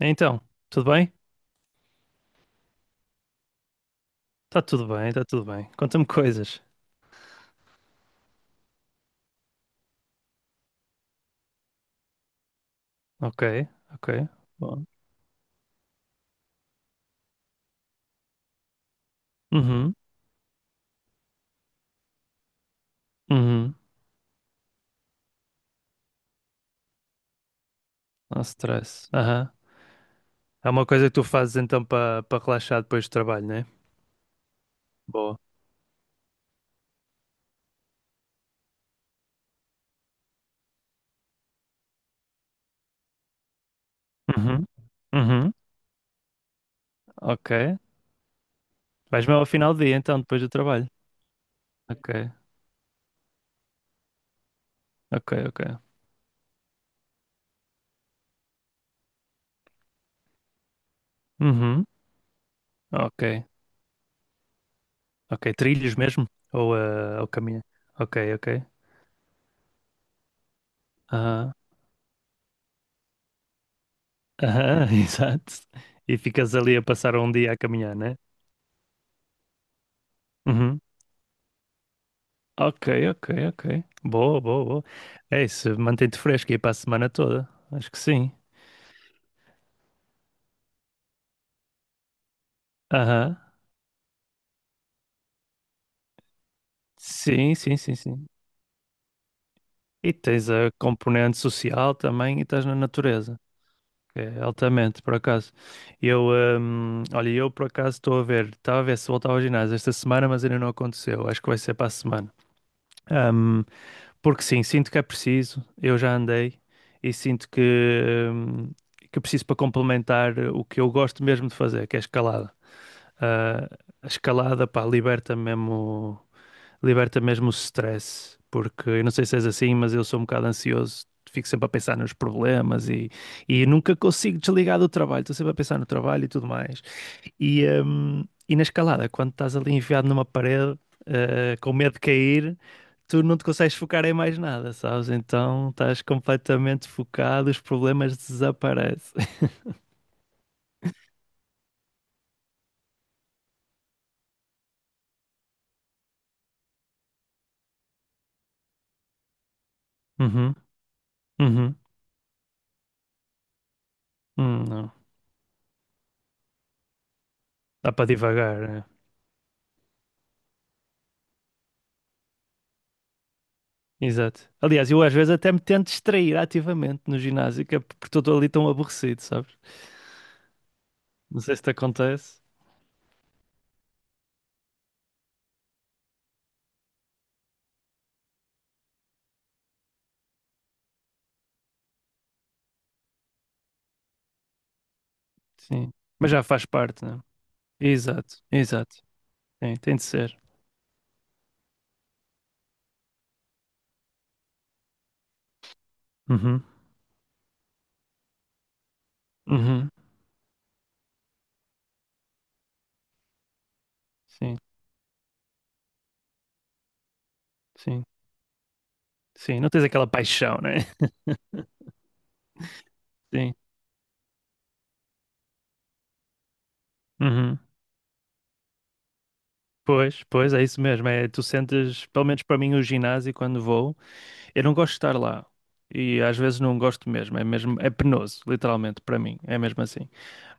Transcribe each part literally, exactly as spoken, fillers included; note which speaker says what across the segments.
Speaker 1: Então, tudo bem? Tá tudo bem, tá tudo bem. Conta-me coisas. Ok, ok. Bom. Uhum, uhum. Não stress. Aham. É uma coisa que tu fazes então para para relaxar depois do trabalho, né? Boa. Uhum, uhum. Ok. Vais mesmo ao final do dia então, depois do trabalho. Ok, ok, ok. Uhum, ok. Ok, trilhos mesmo? Ou, eh, ou caminho? Ok, ok. Aham, aham, exato. E ficas ali a passar um dia a caminhar, né? Ok, ok, ok. Boa, boa, boa. É isso, mantém-te fresco aí para a semana toda. Acho que sim. Aham. Sim, sim, sim, sim. E tens a componente social também e estás na natureza. Que é altamente, por acaso. Eu, hum, olha, eu por acaso estou a ver, estava a ver se voltava ao ginásio esta semana, mas ainda não aconteceu. Acho que vai ser para a semana. Hum, Porque sim, sinto que é preciso. Eu já andei e sinto que, hum, que preciso para complementar o que eu gosto mesmo de fazer, que é escalada. Ah, a escalada, pá, liberta mesmo, liberta mesmo o stress, porque eu não sei se és assim, mas eu sou um bocado ansioso, fico sempre a pensar nos problemas e, e nunca consigo desligar do trabalho, estou sempre a pensar no trabalho e tudo mais. E, hum, e na escalada, quando estás ali enfiado numa parede, ah, com medo de cair, tu não te consegues focar em mais nada, sabes? Então estás completamente focado, os problemas desaparecem. Uhum, uhum, hum, não. Dá para divagar, né? Exato. Aliás, eu às vezes até me tento distrair ativamente no ginásio, que é porque estou ali tão aborrecido, sabes? Não sei se te acontece. Sim. Mas já faz parte, não? É? Exato, exato. Sim, tem de ser. Uhum. Uhum. Sim, sim, sim. Não tens aquela paixão, né? Sim. Uhum. Pois, pois, é isso mesmo. É, tu sentes, pelo menos para mim, o ginásio quando vou. Eu não gosto de estar lá. E às vezes não gosto mesmo, é mesmo, é penoso, literalmente, para mim, é mesmo assim.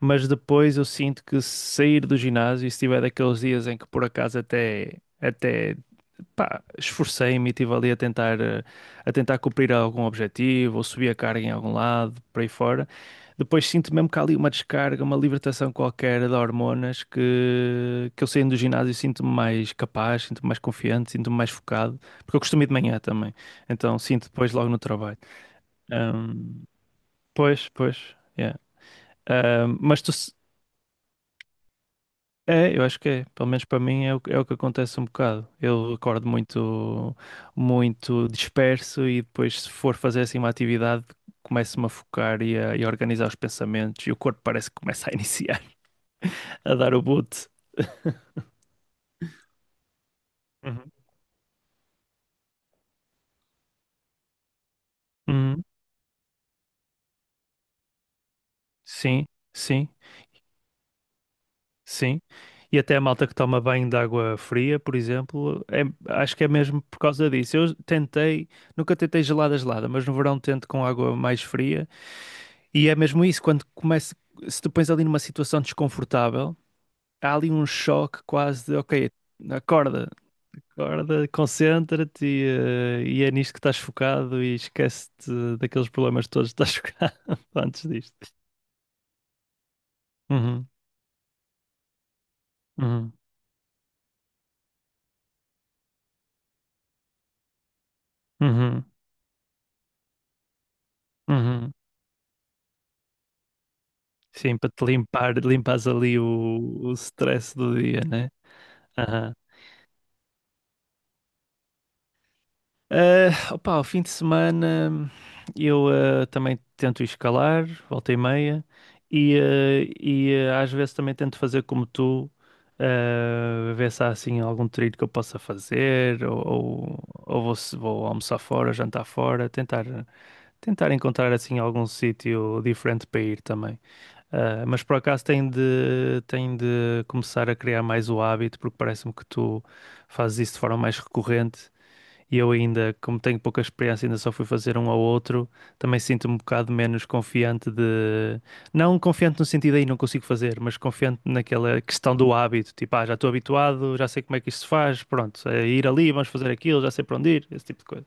Speaker 1: Mas depois eu sinto que se sair do ginásio, e se tiver daqueles dias em que por acaso até, até pá, esforcei-me e estive ali a tentar, eh, a tentar cumprir algum objetivo, ou subir a carga em algum lado, por aí fora. Depois sinto mesmo que há ali uma descarga, uma libertação qualquer de hormonas que, que eu saindo do ginásio e sinto-me mais capaz, sinto-me mais confiante, sinto-me mais focado, porque eu costumo ir de manhã também, então sinto depois logo no trabalho. Ahm, Pois, pois, yeah. Ahm, mas tu, é, eu acho que é. Pelo menos para mim é o, é o que acontece um bocado. Eu acordo muito, muito disperso e depois, se for fazer assim uma atividade, começo-me a focar e a, e a organizar os pensamentos e o corpo parece que começa a iniciar, a dar o boot. Uhum. Uhum. Sim, sim, sim. E até a malta que toma banho de água fria, por exemplo, é- acho que é mesmo por causa disso. Eu tentei, nunca tentei gelada, gelada, mas no verão tento com água mais fria. E é mesmo isso, quando começa, se tu pões ali numa situação desconfortável, há ali um choque quase de, ok, acorda, acorda, concentra-te e, eh, e é nisto que estás focado e esquece-te daqueles problemas todos que estás focado antes disto. Uhum, uhum, uhum, uhum. Sim, para te limpar, limpas ali o, o stress do dia, né? Ah, opa, ao fim de semana hum, eu ah, também tento escalar, volta e meia, e, ah, e, ah, às vezes também tento fazer como tu, ah, ver se há assim algum trilho que eu possa fazer, ou, ou, ou vou, se- vou almoçar fora, jantar fora, tentar, tentar encontrar assim algum sítio diferente para ir também. Ah, mas por acaso tenho de, tenho de começar a criar mais o hábito, porque parece-me que tu fazes isso de forma mais recorrente. E eu ainda, como tenho pouca experiência, ainda só fui fazer um ao outro, também sinto-me um bocado menos confiante de... Não confiante no sentido aí não consigo fazer, mas confiante naquela questão do hábito. Tipo, ah, já estou habituado, já sei como é que isto se faz, pronto, é ir ali, vamos fazer aquilo, já sei para onde ir, esse tipo de coisa.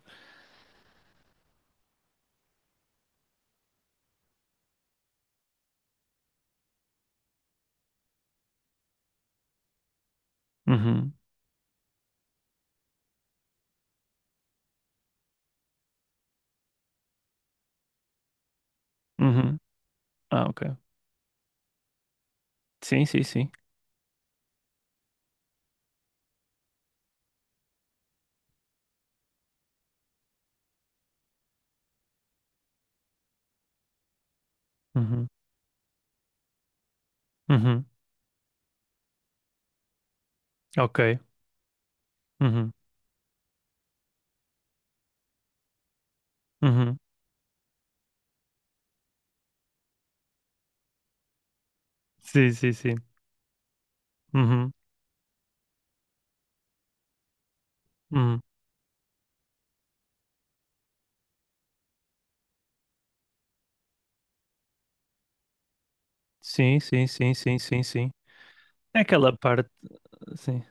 Speaker 1: Uhum, uhum. Ah, ok. Sim, sim, sim. Uhum, uhum. Ok. Uhum, uhum. Sim, sim, sim. Uhum, uhum. Sim, sim, sim, sim, sim, sim. É aquela parte, sim.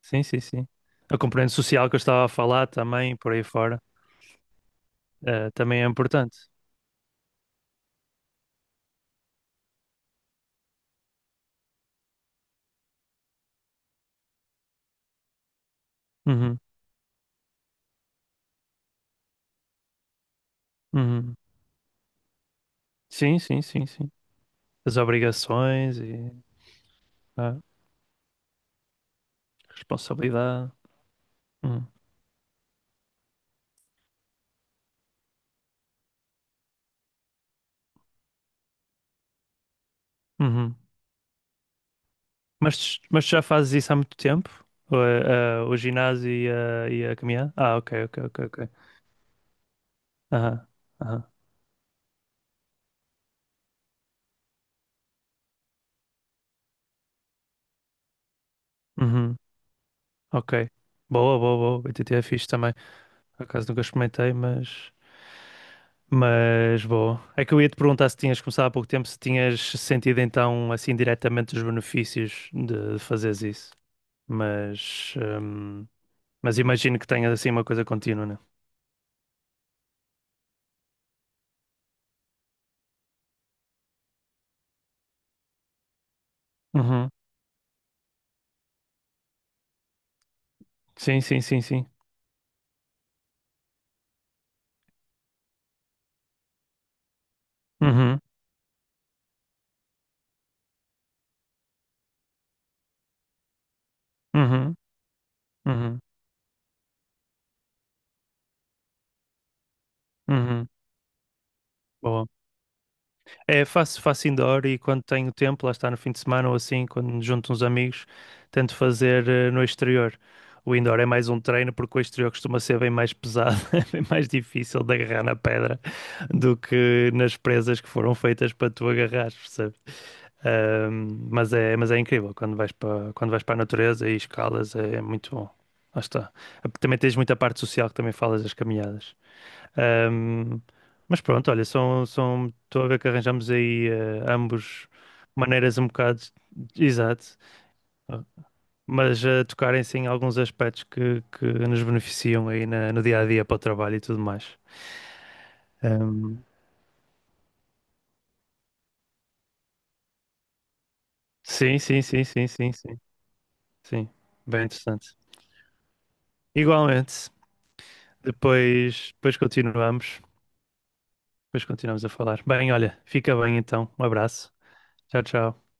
Speaker 1: Sim, sim, sim. A componente social que eu estava a falar também, por aí fora, eh, também é importante. Uhum, uhum. Sim, sim, sim, sim. As obrigações e a responsabilidade. Uhum, uhum. Mas, mas já fazes isso há muito tempo? O, eh, eh, o ginásio e a, e a caminhada? Ah, ok, ok, ok, ok. Aham, aham. Uhum, ok. Boa, boa, boa. B T T é fixe também. Por acaso nunca experimentei, mas. Mas boa. É que eu ia te perguntar se tinhas começado há pouco tempo, se tinhas sentido então assim diretamente os benefícios de, de fazeres isso. Mas, hum, mas imagino que tenhas assim uma coisa contínua, né? Uhum. Sim, sim, sim, sim. Uhum. Uhum. Uhum. Uhum. Boa. É, faço, faço indoor e quando tenho tempo, lá está no fim de semana ou assim, quando me junto uns amigos, tento fazer eh, no exterior. O indoor é mais um treino porque o exterior costuma ser bem mais pesado, é bem mais difícil de agarrar na pedra do que nas presas que foram feitas para tu agarrares, percebes? Ahm, mas é, mas é incrível quando vais para, quando vais para a natureza e escalas, é, é muito bom. Lá está. Também tens muita parte social que também falas das caminhadas. Ahm, mas pronto, olha, são, são, estou a ver que arranjamos aí eh, ambos maneiras um bocado, exato, mas a tocarem-se em alguns aspectos que, que nos beneficiam aí na- no dia a dia para o trabalho e tudo mais. Ahm, sim, sim, sim, sim, sim, sim, sim, bem interessante. Igualmente, depois, depois continuamos, depois continuamos a falar. Bem, olha, fica bem então, um abraço, tchau, tchau.